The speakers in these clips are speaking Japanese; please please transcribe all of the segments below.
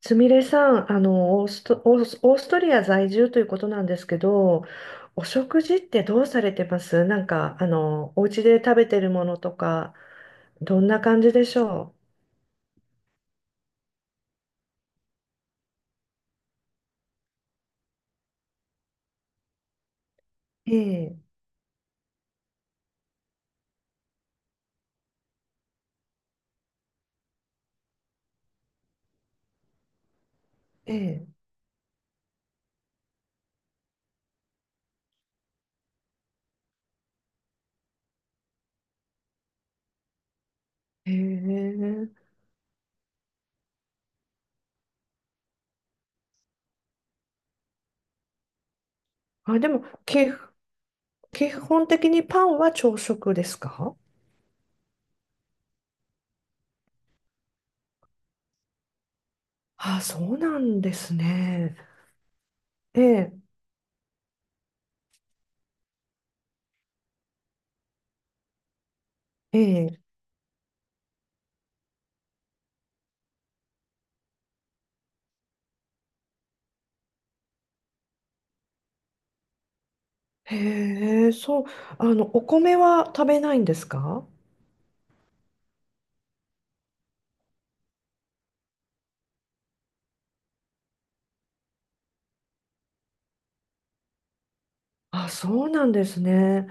すみれさん、オーストリア在住ということなんですけど、お食事ってどうされてます。なんか、お家で食べてるものとか、どんな感じでしょう？ええ、ええ、へえ。あ、でも、基本的にパンは朝食ですか？あ、そうなんですね。ええ、ええ、へえ、そう、お米は食べないんですか？あ、そうなんですね。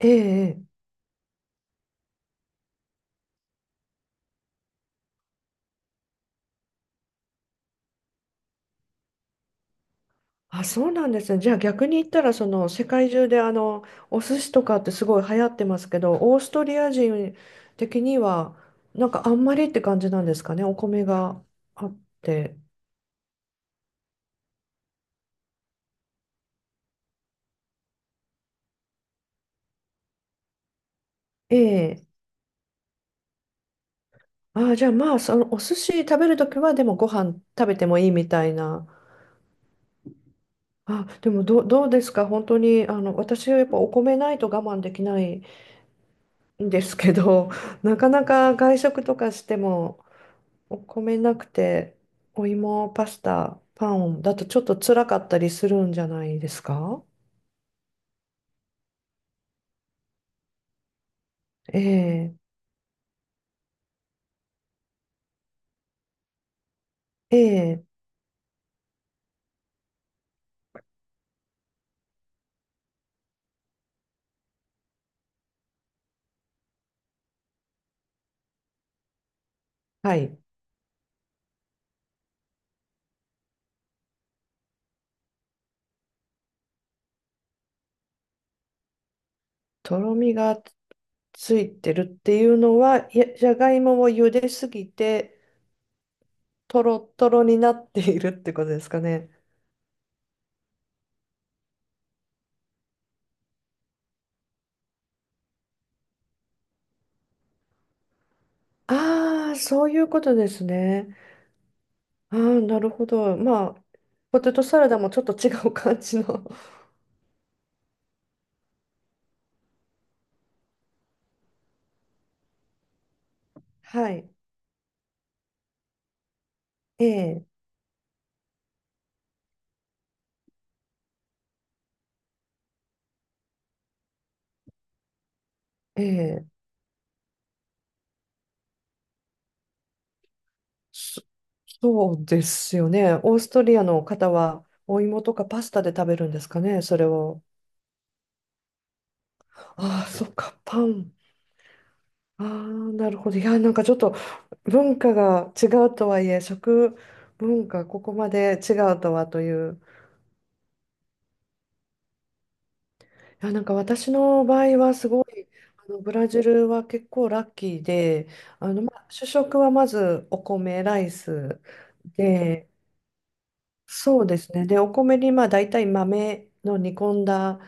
ええ、え。あ、そうなんですね。じゃあ逆に言ったら、その世界中でお寿司とかってすごい流行ってますけど、オーストリア人的にはなんかあんまりって感じなんですかね。お米があって。ええ。あ、じゃあまあ、そのお寿司食べるときはでもご飯食べてもいいみたいな。あ、でもどうですか？本当に私はやっぱお米ないと我慢できないんですけど、なかなか外食とかしても。お米なくて、お芋、パスタ、パンだとちょっと辛かったりするんじゃないですか？ええ、ええ、はい。とろみがついてるっていうのは、いやじゃがいもを茹ですぎて、とろっとろになっているってことですかね？ああ、そういうことですね。ああ、なるほど。まあ、ポテトサラダもちょっと違う感じの。はい。ええ、ええ。そそうですよね。オーストリアの方はお芋とかパスタで食べるんですかね、それを。ああ、そっか、パン。ああ、なるほど。いや、なんかちょっと文化が違うとはいえ、食文化ここまで違うとはという。いや、なんか私の場合はすごい、ブラジルは結構ラッキーで、まあ、主食はまずお米、ライスで、そうですね。で、お米にまあ大体豆の煮込んだ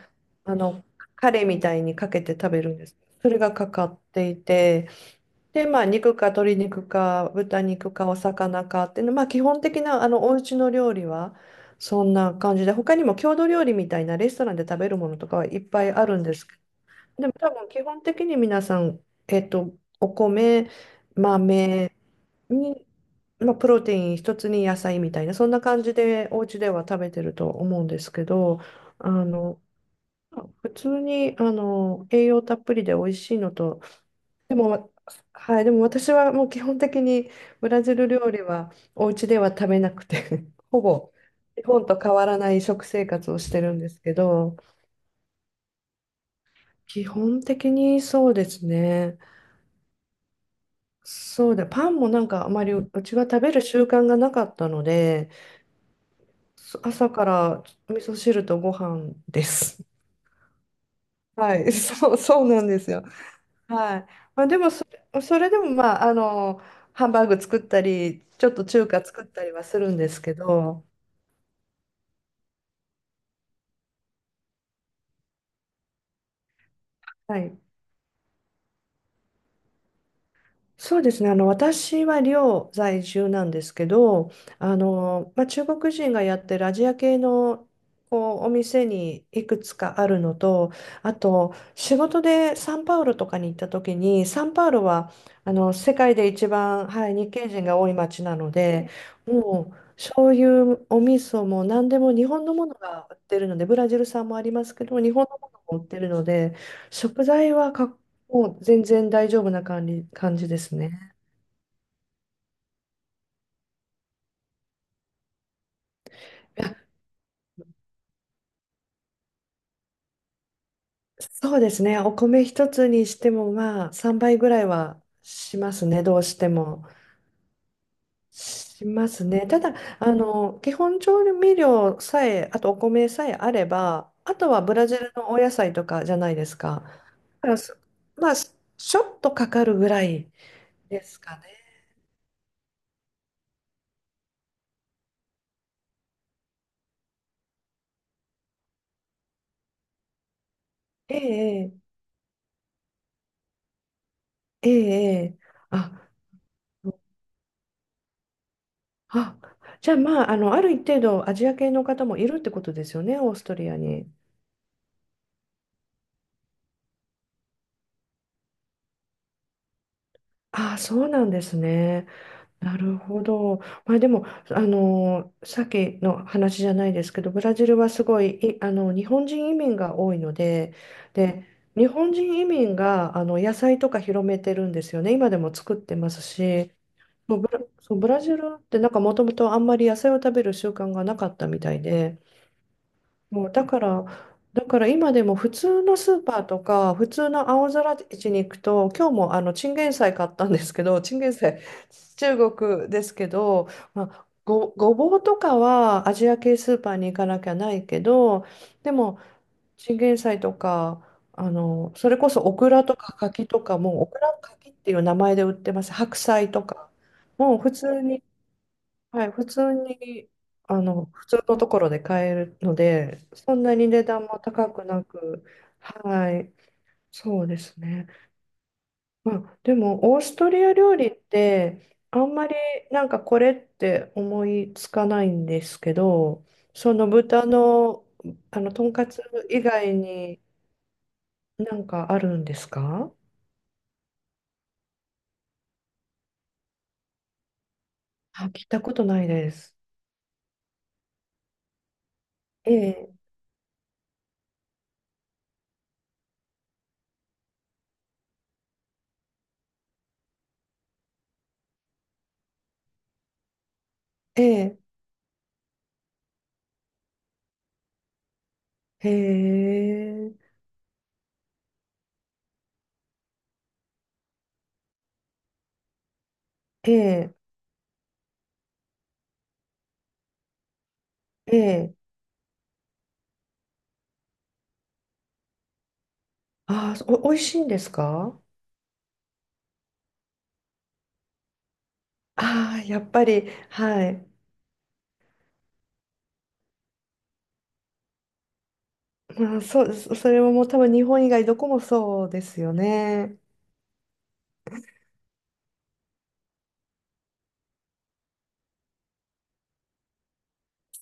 あのカレーみたいにかけて食べるんです。それがかかっていて、で、まあ肉か鶏肉か豚肉かお魚かっていうの、まあ基本的なお家の料理はそんな感じで、他にも郷土料理みたいなレストランで食べるものとかはいっぱいあるんですけど。でも多分基本的に皆さん、えっと、お米、豆にまあ、プロテイン一つに野菜みたいな、そんな感じでお家では食べてると思うんですけど、あの、普通に、栄養たっぷりで美味しいのと、でも、はい、でも私はもう基本的にブラジル料理はお家では食べなくて、ほぼ日本と変わらない食生活をしてるんですけど、基本的にそうですね。そうだ、パンもなんかあまりうちは食べる習慣がなかったので、朝から味噌汁とご飯です。はい、そう、そうなんですよ。はい。まあ、でもそれでもまあ、ハンバーグ作ったり、ちょっと中華作ったりはするんですけど、はい。そうですね。私は寮在住なんですけど、まあ、中国人がやってるアジア系のお店にいくつかあるのと、あと仕事でサンパウロとかに行った時に、サンパウロは世界で一番、はい、日系人が多い街なので、もうそういうお味噌も何でも日本のものが売ってるので、ブラジル産もありますけど、日本のものも売ってるので、食材はもう全然大丈夫な感じですね。そうですね。お米一つにしてもまあ3倍ぐらいはしますね。どうしても。しますね。ただ、基本調味料さえ、あとお米さえあれば、あとはブラジルのお野菜とかじゃないですか。だからまあ、ちょっとかかるぐらいですかね。ええ、ええ、ええ。あ、あ、じゃあまあ、ある一定度アジア系の方もいるってことですよね、オーストリアに。ああ、そうなんですね。なるほど。まあ、でも、あのさっきの話じゃないですけど、ブラジルはすごい、日本人移民が多いので、で、日本人移民が、野菜とか広めてるんですよね。今でも作ってますし、もうそう、ブラジルってなんかもともとあんまり野菜を食べる習慣がなかったみたいで、もうだから今でも普通のスーパーとか、普通の青空市に行くと、今日もチンゲン菜買ったんですけど、チンゲン菜、中国ですけど、まあ、ごぼうとかはアジア系スーパーに行かなきゃないけど、でもチンゲン菜とか、それこそオクラとか柿とかも、オクラ柿っていう名前で売ってます。白菜とか。もう普通にはい、普通に、普通のところで買えるので、そんなに値段も高くなく、はい、そうですね。まあ、でも、オーストリア料理って、あんまりなんかこれって思いつかないんですけど、その豚の、とんかつ以外になんかあるんですか？あ、聞いたことないです。ええ、ええ、へえ、ええ、ええ、ああ、おいしいんですか？ああ、やっぱり、はい。まあ、そう、それはもう多分日本以外どこもそうですよね。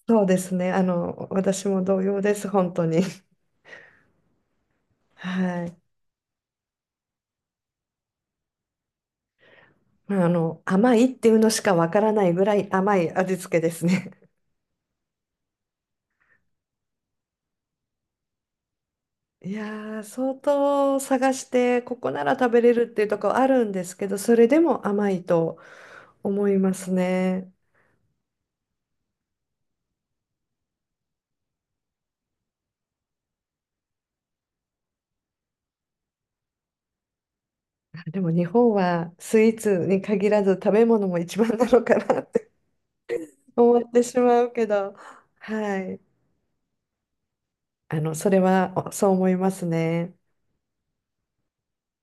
そうですね。私も同様です、本当に。はい。まあ、甘いっていうのしかわからないぐらい甘い味付けですね。いやー、相当探して、ここなら食べれるっていうところあるんですけど、それでも甘いと思いますね。あでも日本はスイーツに限らず食べ物も一番なのかなって 思ってしまうけど。はい。それはそう思いますね。